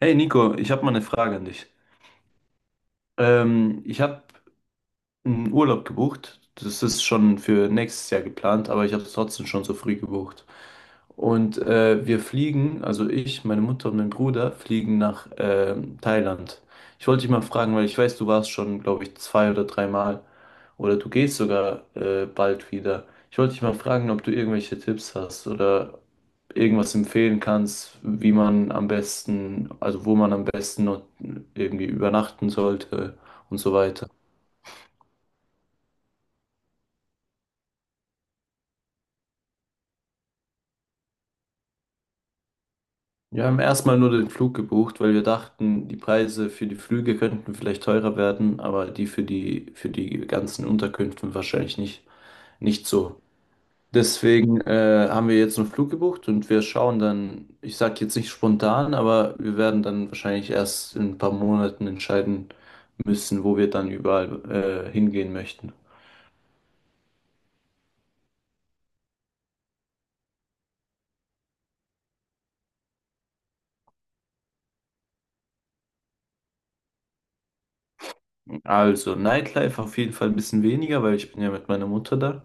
Hey Nico, ich habe mal eine Frage an dich. Ich habe einen Urlaub gebucht. Das ist schon für nächstes Jahr geplant, aber ich habe es trotzdem schon so früh gebucht. Und wir fliegen, also ich, meine Mutter und mein Bruder fliegen nach Thailand. Ich wollte dich mal fragen, weil ich weiß, du warst schon, glaube ich, zwei oder dreimal oder du gehst sogar bald wieder. Ich wollte dich mal fragen, ob du irgendwelche Tipps hast oder irgendwas empfehlen kannst, wie man am besten, also wo man am besten noch irgendwie übernachten sollte und so weiter. Wir haben erstmal nur den Flug gebucht, weil wir dachten, die Preise für die Flüge könnten vielleicht teurer werden, aber die für die ganzen Unterkünfte wahrscheinlich nicht so. Deswegen haben wir jetzt einen Flug gebucht und wir schauen dann, ich sage jetzt nicht spontan, aber wir werden dann wahrscheinlich erst in ein paar Monaten entscheiden müssen, wo wir dann überall hingehen möchten. Also, Nightlife auf jeden Fall ein bisschen weniger, weil ich bin ja mit meiner Mutter da.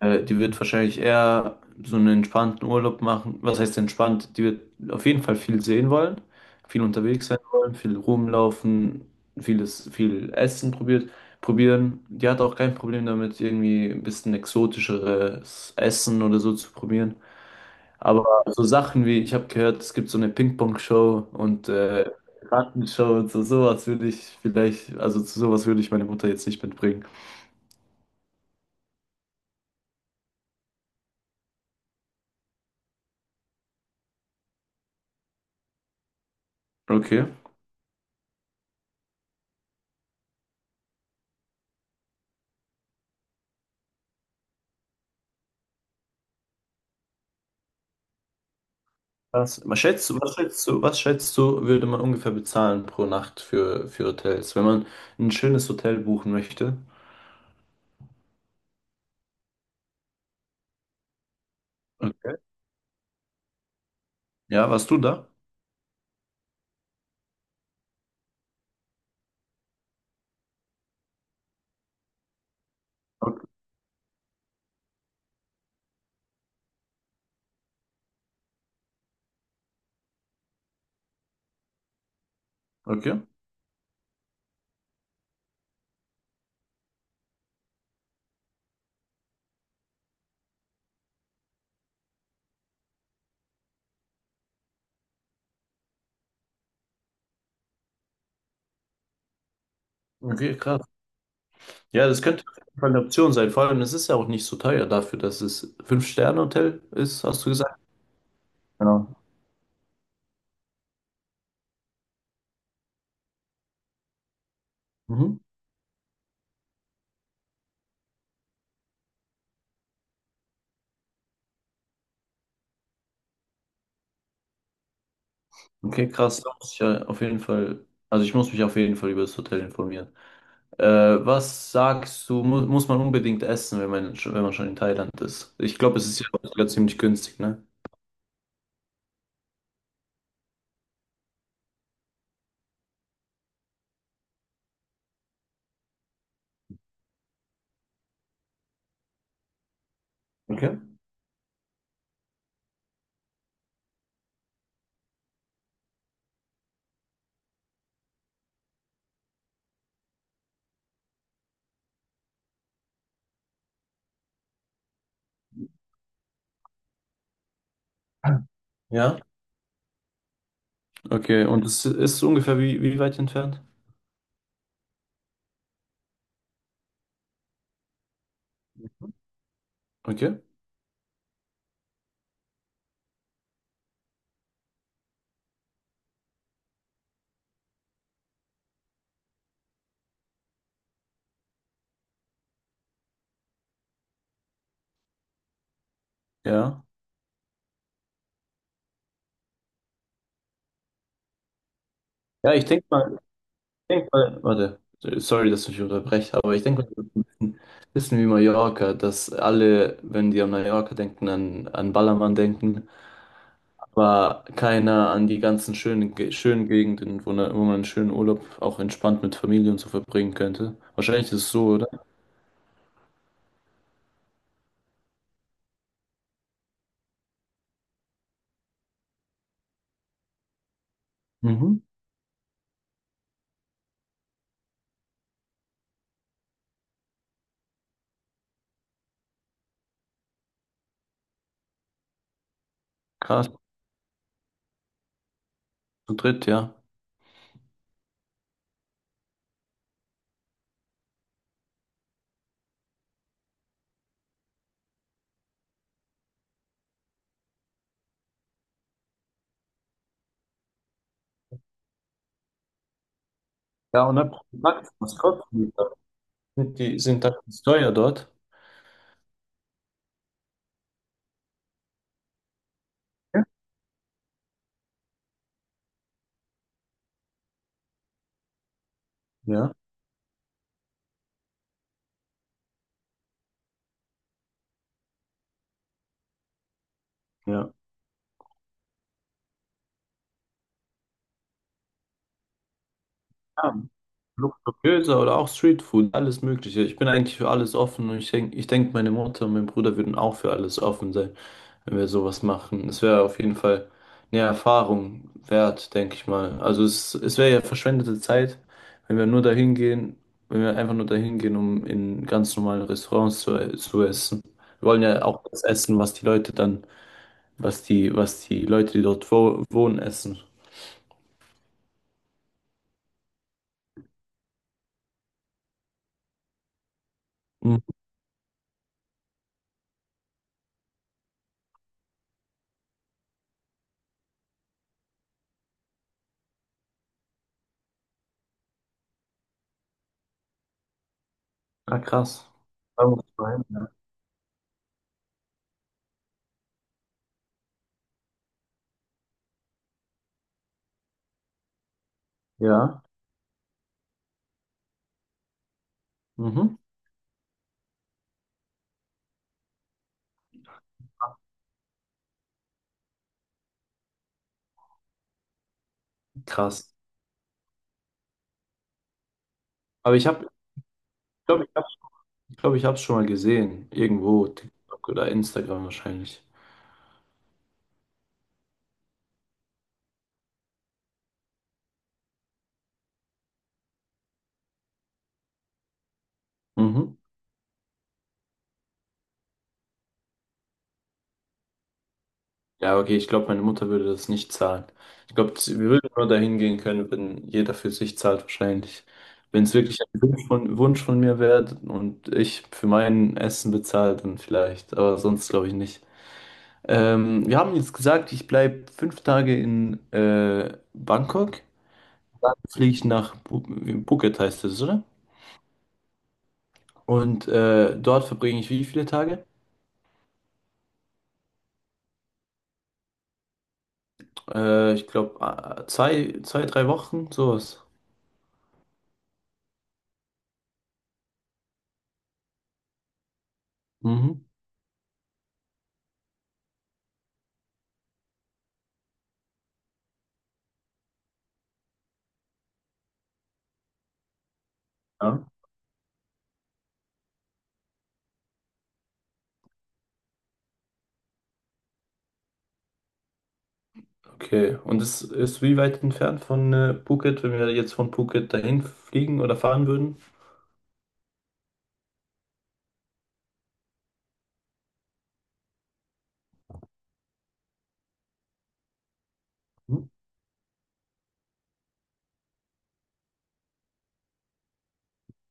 Die wird wahrscheinlich eher so einen entspannten Urlaub machen. Was heißt entspannt? Die wird auf jeden Fall viel sehen wollen, viel unterwegs sein wollen, viel rumlaufen, viel Essen probieren. Die hat auch kein Problem damit, irgendwie ein bisschen exotischeres Essen oder so zu probieren. Aber so Sachen wie, ich habe gehört, es gibt so eine Ping-Pong-Show und Rattenshow und so, sowas würde ich vielleicht, also zu sowas würde ich meine Mutter jetzt nicht mitbringen. Okay. Was, was schätzt du, was schätzt du, was schätzt du, würde man ungefähr bezahlen pro Nacht für Hotels, wenn man ein schönes Hotel buchen möchte? Okay. Ja, warst du da? Okay. Okay, okay, krass. Ja, das könnte auf jeden Fall eine Option sein. Vor allem, es ist ja auch nicht so teuer dafür, dass es Fünf-Sterne-Hotel ist, hast du gesagt? Genau. Mhm. Okay, krass. Da muss ich ja auf jeden Fall, also ich muss mich auf jeden Fall über das Hotel informieren. Äh, was sagst du, mu muss man unbedingt essen, wenn man schon in Thailand ist? Ich glaube, es ist ja auch sogar ziemlich günstig, ne? Okay. Ja. Okay, und es ist ungefähr wie, wie weit entfernt? Okay. Ja. Ja, ich denk mal, warte, sorry, dass ich dich unterbreche, aber ich denke mal, das ist ein bisschen wie Mallorca, dass alle, wenn die an Mallorca denken, an Ballermann denken. War keiner an die ganzen schönen Gegenden, wo man einen schönen Urlaub auch entspannt mit Familie und so verbringen könnte. Wahrscheinlich ist es so, oder? Mhm. Krass, zu dritt, ja. Ja, und dann Max, was kostet die? Sind die sind da ganz teuer dort? Ja. Ja, ja. Ja, luxuriöser oder auch Streetfood, alles Mögliche. Ich bin eigentlich für alles offen und ich denk, meine Mutter und mein Bruder würden auch für alles offen sein. Wenn wir sowas machen. Es wäre auf jeden Fall eine Erfahrung wert, denke ich mal. Also es wäre ja verschwendete Zeit, wenn wir nur dahin gehen, wenn wir einfach nur dahin gehen, um in ganz normalen Restaurants zu essen. Wir wollen ja auch das essen, was die Leute, die dort wohnen, essen. Mhm. Ah, krass. Da muss ich mal hin, ja. Ja. Mhm. Krass. Aber ich habe, ich glaube, ich habe, ich glaube, ich habe es schon mal gesehen. Irgendwo, TikTok oder Instagram wahrscheinlich. Mhm. Ja, okay, ich glaube, meine Mutter würde das nicht zahlen. Ich glaube, wir würden nur dahin gehen können, wenn jeder für sich zahlt, wahrscheinlich. Wenn es wirklich ein Wunsch von mir wäre und ich für mein Essen bezahle, dann vielleicht. Aber sonst glaube ich nicht. Wir haben jetzt gesagt, ich bleibe 5 Tage in Bangkok. Dann fliege ich nach Bu Phuket, heißt es, oder? Und dort verbringe ich wie viele Tage? Ich glaube, zwei, 3 Wochen, sowas. Mhm. Ja. Okay, und es ist wie weit entfernt von Phuket, wenn wir jetzt von Phuket dahin fliegen oder fahren würden? Mhm.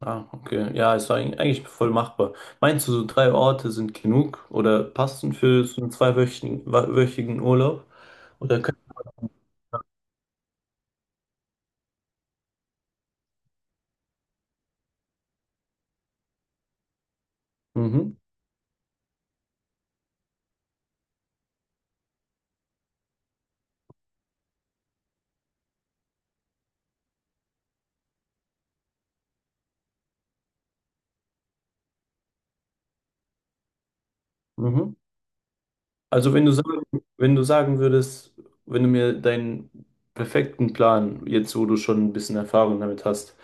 Ah, okay. Ja, ist eigentlich voll machbar. Meinst du, so drei Orte sind genug oder passen für so einen zweiwöchigen wa- wöchigen Urlaub? Oder können... Mhm. Mhm. Also wenn du sagen, wenn du sagen würdest, wenn du mir deinen perfekten Plan, jetzt wo du schon ein bisschen Erfahrung damit hast,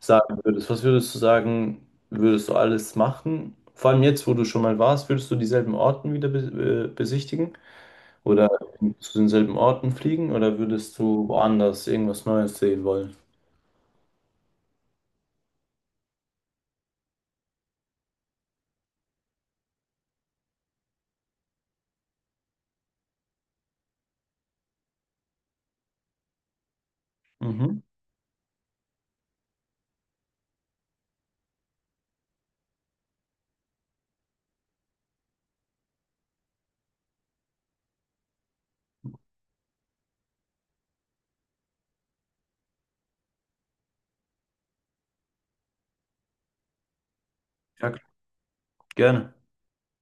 sagen würdest, was würdest du sagen, würdest du alles machen? Vor allem jetzt, wo du schon mal warst, würdest du dieselben Orten wieder be besichtigen oder zu denselben Orten fliegen oder würdest du woanders irgendwas Neues sehen wollen? Mhm. Ja, klar. Gerne.